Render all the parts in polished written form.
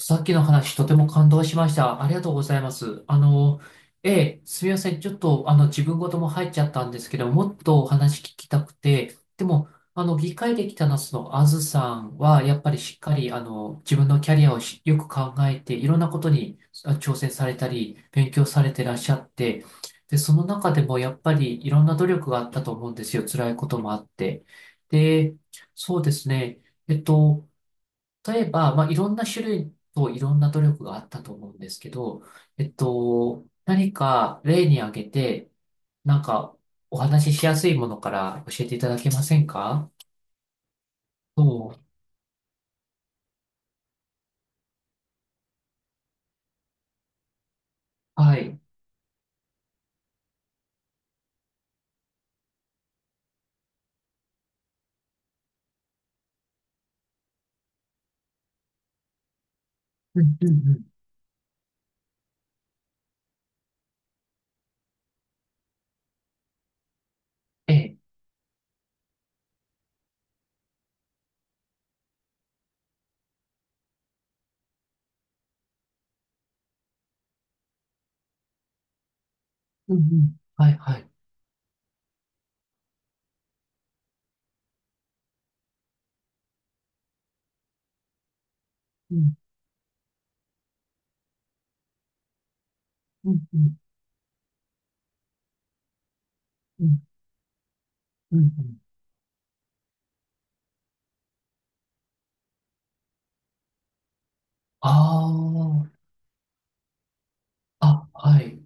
さっきの話、とても感動しました。ありがとうございます。すみません。ちょっと、自分事も入っちゃったんですけど、もっとお話聞きたくて、でも、議会できたのあずさんは、やっぱりしっかり、自分のキャリアをしよく考えて、いろんなことに挑戦されたり、勉強されてらっしゃって、で、その中でも、やっぱり、いろんな努力があったと思うんですよ。辛いこともあって。で、そうですね。えっと、例えば、まあ、いろんな種類といろんな努力があったと思うんですけど、何か例に挙げて、なんかお話ししやすいものから教えていただけませんか？そう。はい。うんうんうん。ええ。うんうん。はいはい。うんうんうんうんうんうん。ああ、あ、はい。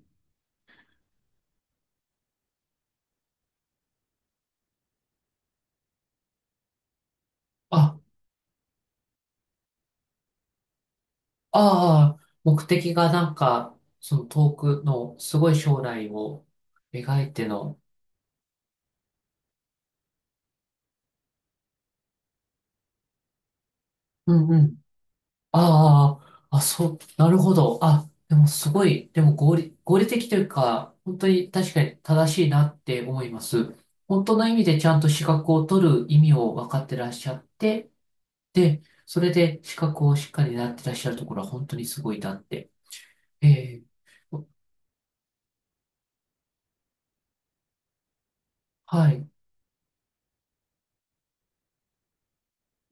あ、ああ、目的がなんか、その遠くのすごい将来を描いての。うんうん。ああ、あ、そう、なるほど。あ、でもすごい、でも合理的というか、本当に確かに正しいなって思います。本当の意味でちゃんと資格を取る意味を分かってらっしゃって、で、それで資格をしっかりなってらっしゃるところは本当にすごいなって。ええ。はい。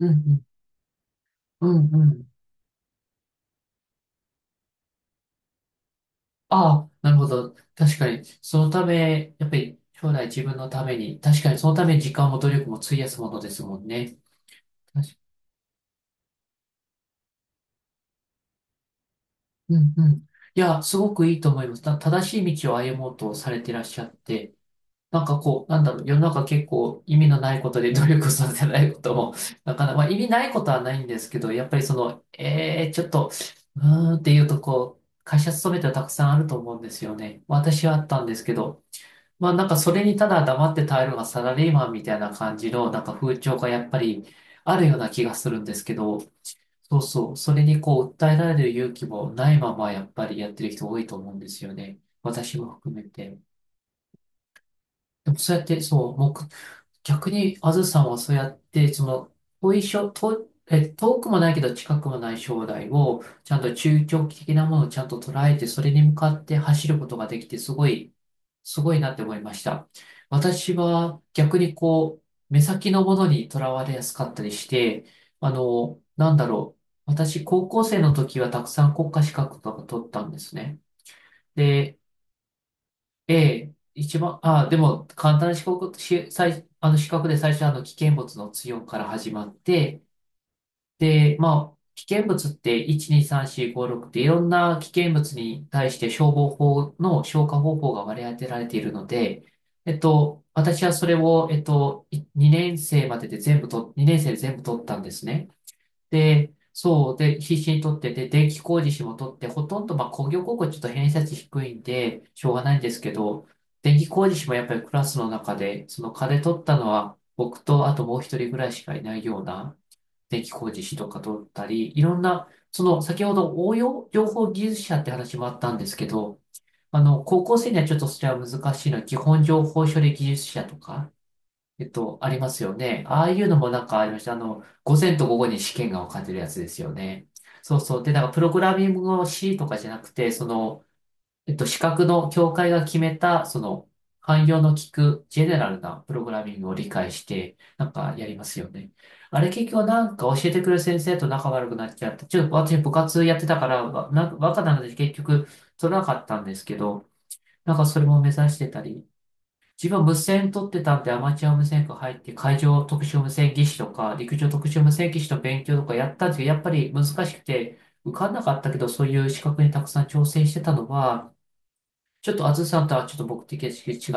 うん、うん、うん、うん。ああ、なるほど。確かに、そのため、やっぱり将来自分のために、確かにそのために時間も努力も費やすものですもんね。うんうん。いや、すごくいいと思います。正しい道を歩もうとされてらっしゃって、なんかこう、なんだろう、世の中結構意味のないことで努力されてないことも、なかなか、まあ、意味ないことはないんですけど、やっぱりその、ちょっと、うーんっていうとこう、会社勤めてはたくさんあると思うんですよね。私はあったんですけど、まあなんかそれにただ黙って耐えるのがサラリーマンみたいな感じの、なんか風潮がやっぱりあるような気がするんですけど、そうそう。それにこう、訴えられる勇気もないまま、やっぱりやってる人多いと思うんですよね。私も含めて。でもそうやって、そう、逆に、あずさんはそうやって、その、遠いしょ、遠、え、遠くもないけど近くもない将来を、ちゃんと中長期的なものをちゃんと捉えて、それに向かって走ることができて、すごいなって思いました。私は逆にこう、目先のものにとらわれやすかったりして、なんだろう。私、高校生の時はたくさん国家資格とか取ったんですね。で、一番、あ、でも、簡単な資格、し、最、あの、資格で最初は、危険物の強から始まって、で、まあ、危険物って1、2、3、4、5、6っていろんな危険物に対して消防法の消火方法が割り当てられているので、私はそれを、2年生までで全部と、2年生で全部取ったんですね。で、そう、で、必死に取って、で、電気工事士も取って、ほとんど、まあ、工業高校ちょっと偏差値低いんで、しょうがないんですけど、電気工事士もやっぱりクラスの中で、その課で取ったのは、僕と、あともう一人ぐらいしかいないような、電気工事士とか取ったり、いろんな、その、先ほど応用情報技術者って話もあったんですけど、高校生にはちょっとそれは難しいのは、基本情報処理技術者とか、ありますよね。ああいうのもなんかありました。午前と午後に試験が分かれてるやつですよね。そうそう。で、なんかプログラミングの C とかじゃなくて、その、資格の協会が決めた、その、汎用の効くジェネラルなプログラミングを理解して、なんかやりますよね。あれ結局なんか教えてくる先生と仲悪くなっちゃって、ちょっと私部活やってたから、わなんか若なので結局取らなかったんですけど、なんかそれも目指してたり、自分無線取ってたんで、アマチュア無線科入って、海上特殊無線技師とか、陸上特殊無線技師の勉強とかやったんですけど、やっぱり難しくて、受かんなかったけど、そういう資格にたくさん挑戦してたのは、ちょっとあずさんとはちょっと目的が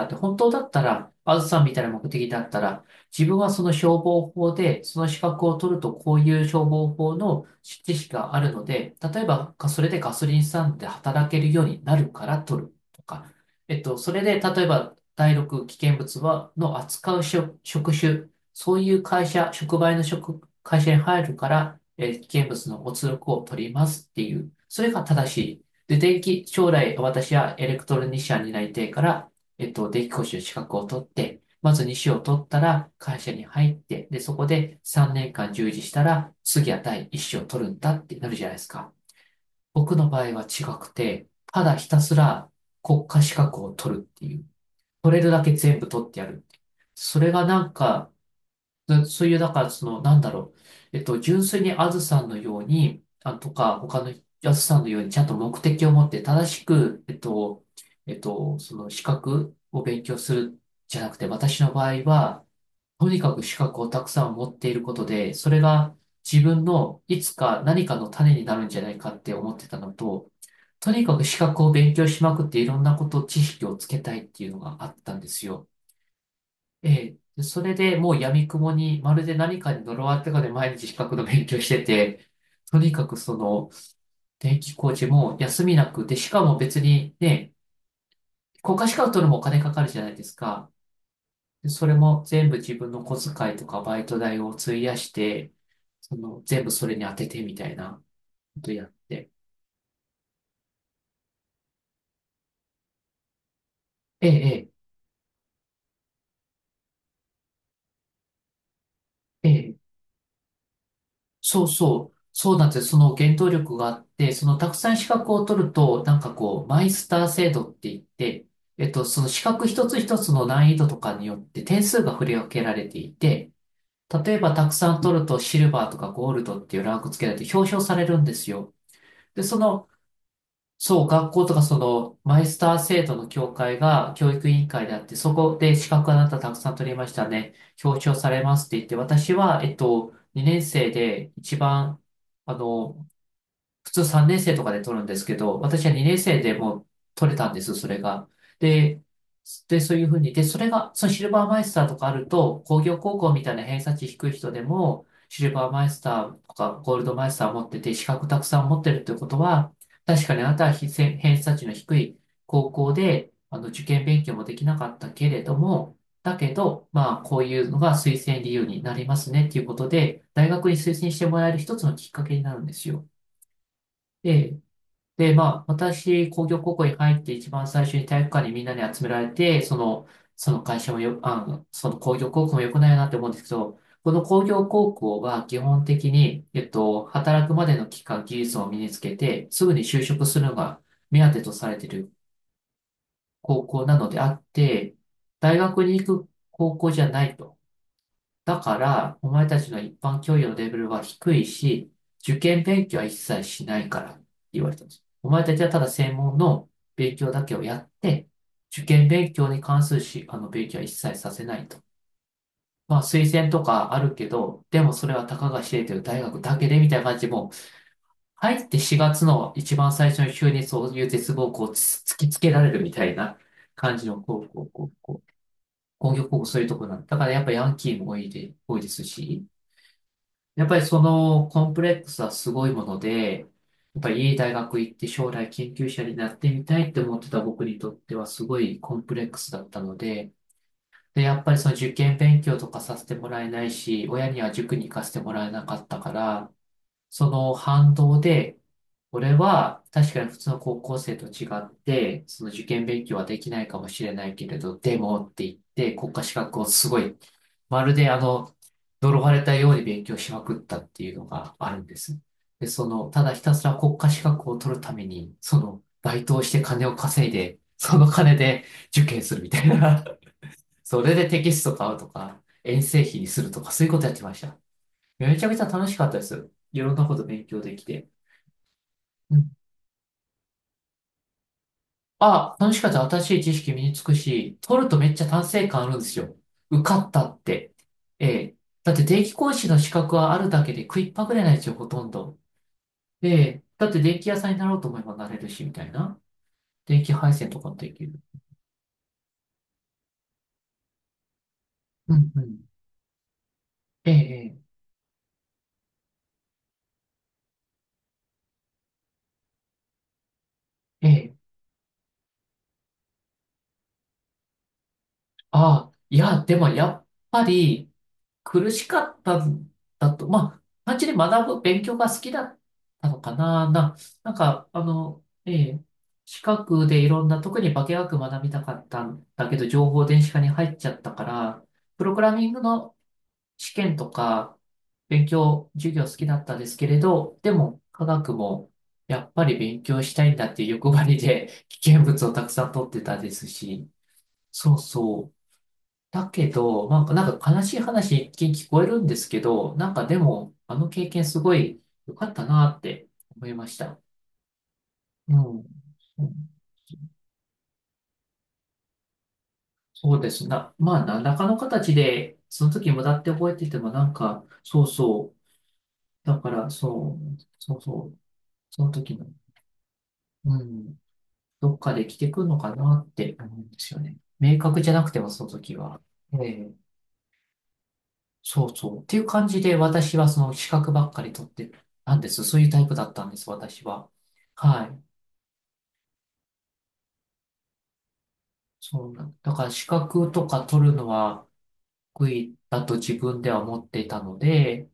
違って、本当だったら、あずさんみたいな目的だったら、自分はその消防法で、その資格を取るとこういう消防法の知識があるので、例えばそれでガソリンスタンドで働けるようになるから取るとか、それで例えば第6危険物は、の扱う職種、そういう会社、触媒の会社に入るから、危険物のお通告を取りますっていう、それが正しい。で、将来私はエレクトロニシャンになりたいから、電気講習資格を取って、まず2種を取ったら会社に入って、で、そこで3年間従事したら、次は第1種を取るんだってなるじゃないですか。僕の場合は違くて、ただひたすら国家資格を取るっていう。取れるだけ全部取ってやる。それがなんか、そういう、だから、その、なんだろう。純粋にあずさんのように、あ、とか、他のあずさんのように、ちゃんと目的を持って、正しく、その資格を勉強するじゃなくて、私の場合は、とにかく資格をたくさん持っていることで、それが自分のいつか何かの種になるんじゃないかって思ってたのと、とにかく資格を勉強しまくっていろんなこと、知識をつけたいっていうのがあったんですよ。ええ、でそれでもう闇雲に、まるで何かに呪われてかで毎日資格の勉強してて、とにかくその、電気工事も休みなくて、しかも別にね、国家資格取るのもお金かかるじゃないですか。でそれも全部自分の小遣いとかバイト代を費やして、その、全部それに当ててみたいなことやって。ええ、ええ、ええ。そうそう、そうなんですよ。その原動力があって、そのたくさん資格を取ると、なんかこう、マイスター制度って言って、その資格一つ一つの難易度とかによって点数が振り分けられていて、例えばたくさん取るとシルバーとかゴールドっていうランク付けられて表彰されるんですよ。で、そう、学校とかその、マイスター制度の協会が教育委員会であって、そこで資格あなたたくさん取りましたね。表彰されますって言って、私は、2年生で一番、あの、普通3年生とかで取るんですけど、私は2年生でもう取れたんです、それが。で、で、そういうふうに、で、それが、そのシルバーマイスターとかあると、工業高校みたいな偏差値低い人でも、シルバーマイスターとかゴールドマイスター持ってて、資格たくさん持ってるってことは、確かにあなたは非偏偏差値の低い高校で、受験勉強もできなかったけれども、だけど、まあ、こういうのが推薦理由になりますねっていうことで、大学に推薦してもらえる一つのきっかけになるんですよ。でで、まあ、私、工業高校に入って一番最初に体育館にみんなに集められて、その会社もよ、その工業高校も良くないなって思うんですけど、この工業高校は基本的に、働くまでの期間、技術を身につけて、すぐに就職するのが目当てとされている高校なのであって、大学に行く高校じゃないと。だから、お前たちの一般教養のレベルは低いし、受験勉強は一切しないからって言われたんです。お前たちはただ専門の勉強だけをやって、受験勉強に関するし、あの勉強は一切させないと。まあ、推薦とかあるけど、でもそれはたかが知れてる大学だけでみたいな感じで、もう入って4月の一番最初に急にそういう絶望をこうつ突きつけられるみたいな感じの、こう、工業高校そういうところなんだ。だからやっぱヤンキーも多いですし、やっぱりそのコンプレックスはすごいもので、やっぱりいい大学行って将来研究者になってみたいって思ってた僕にとってはすごいコンプレックスだったので、で、やっぱりその受験勉強とかさせてもらえないし、親には塾に行かせてもらえなかったから、その反動で、俺は確かに普通の高校生と違って、その受験勉強はできないかもしれないけれど、でもって言って国家資格をすごいまるで呪われたように勉強しまくったっていうのがあるんです。で、ただひたすら国家資格を取るために、バイトをして金を稼いで、その金で受験するみたいな。それでテキスト買うとか、遠征費にするとか、そういうことやってました。めちゃくちゃ楽しかったです。いろんなこと勉強できて。あ、楽しかった。新しい知識身につくし、取るとめっちゃ達成感あるんですよ。受かったって。ええ。だって電気講師の資格はあるだけで食いっぱぐれないですよ、ほとんど。ええ。だって電気屋さんになろうと思えばなれるし、みたいな。電気配線とかもできる。うんうん。ええ、ええ、ええ。ああ、いや、でもやっぱり、苦しかったんだと、まあ、単純に学ぶ、勉強が好きだったのかな、なんか、ええ、資格でいろんな、特に化学学びたかったんだけど、情報電子化に入っちゃったから、プログラミングの試験とか、勉強、授業好きだったんですけれど、でも、科学も、やっぱり勉強したいんだっていう欲張りで、危険物をたくさん取ってたですし、そうそう。だけど、まあ、なんか悲しい話一見聞こえるんですけど、なんかでも、あの経験すごい良かったなって思いました。うん。そうですな。まあ、何らかの形で、その時無駄って覚えてても、なんか、そうそう。だから、そう、そうそう。その時の、うん、どっかで来てくるのかなって思うんですよね。明確じゃなくても、その時は。ええ、そうそう。っていう感じで、私はその資格ばっかり取ってたんです。そういうタイプだったんです、私は。はい。そうなんだから資格とか取るのは得意だと自分では思っていたので、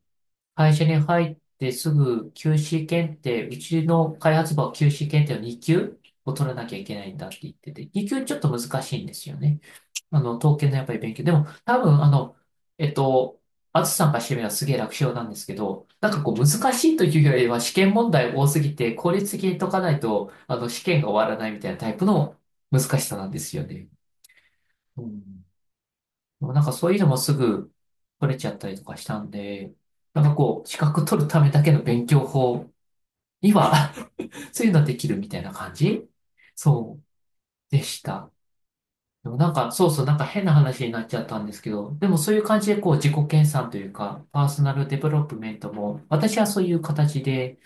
会社に入ってすぐ QC 検定、うちの開発部は QC 検定の2級を取らなきゃいけないんだって言ってて、2級ちょっと難しいんですよね。あの、刀剣のやっぱり勉強。でも、多分、えっと、あずさんがしてみればすげえ楽勝なんですけど、なんかこう難しいというよりは試験問題多すぎて効率的に解かないと、試験が終わらないみたいなタイプの難しさなんですよね。うん。なんかそういうのもすぐ取れちゃったりとかしたんで、なんかこう、資格取るためだけの勉強法には そういうのできるみたいな感じそうでした。でもなんか、そうそう、なんか変な話になっちゃったんですけど、でもそういう感じでこう自己研鑽というか、パーソナルデベロップメントも、私はそういう形で、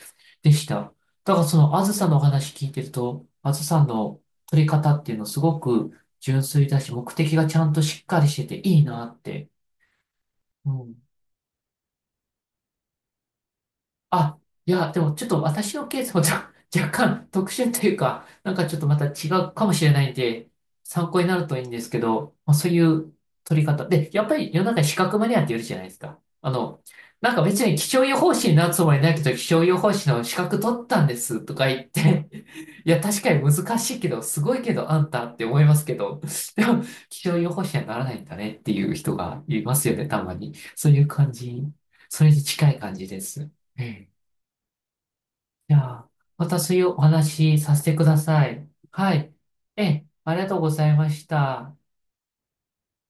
でした。だからその、あずさんのお話聞いてると、あずさんの取り方っていうのすごく純粋だし、目的がちゃんとしっかりしてていいなって。うんあ、いや、でもちょっと私のケースも若 若干特殊というか、なんかちょっとまた違うかもしれないんで、参考になるといいんですけど、まあ、そういう取り方。で、やっぱり世の中に資格マニアっているじゃないですか。なんか別に気象予報士になるつもりないけど、気象予報士の資格取ったんですとか言って、いや、確かに難しいけど、すごいけど、あんたって思いますけど、でも、気象予報士にはならないんだねっていう人がいますよね、たまに。そういう感じ、それに近い感じです。ええ。じゃあ、またそういうお話しさせてください。はい。ええ、ありがとうございました。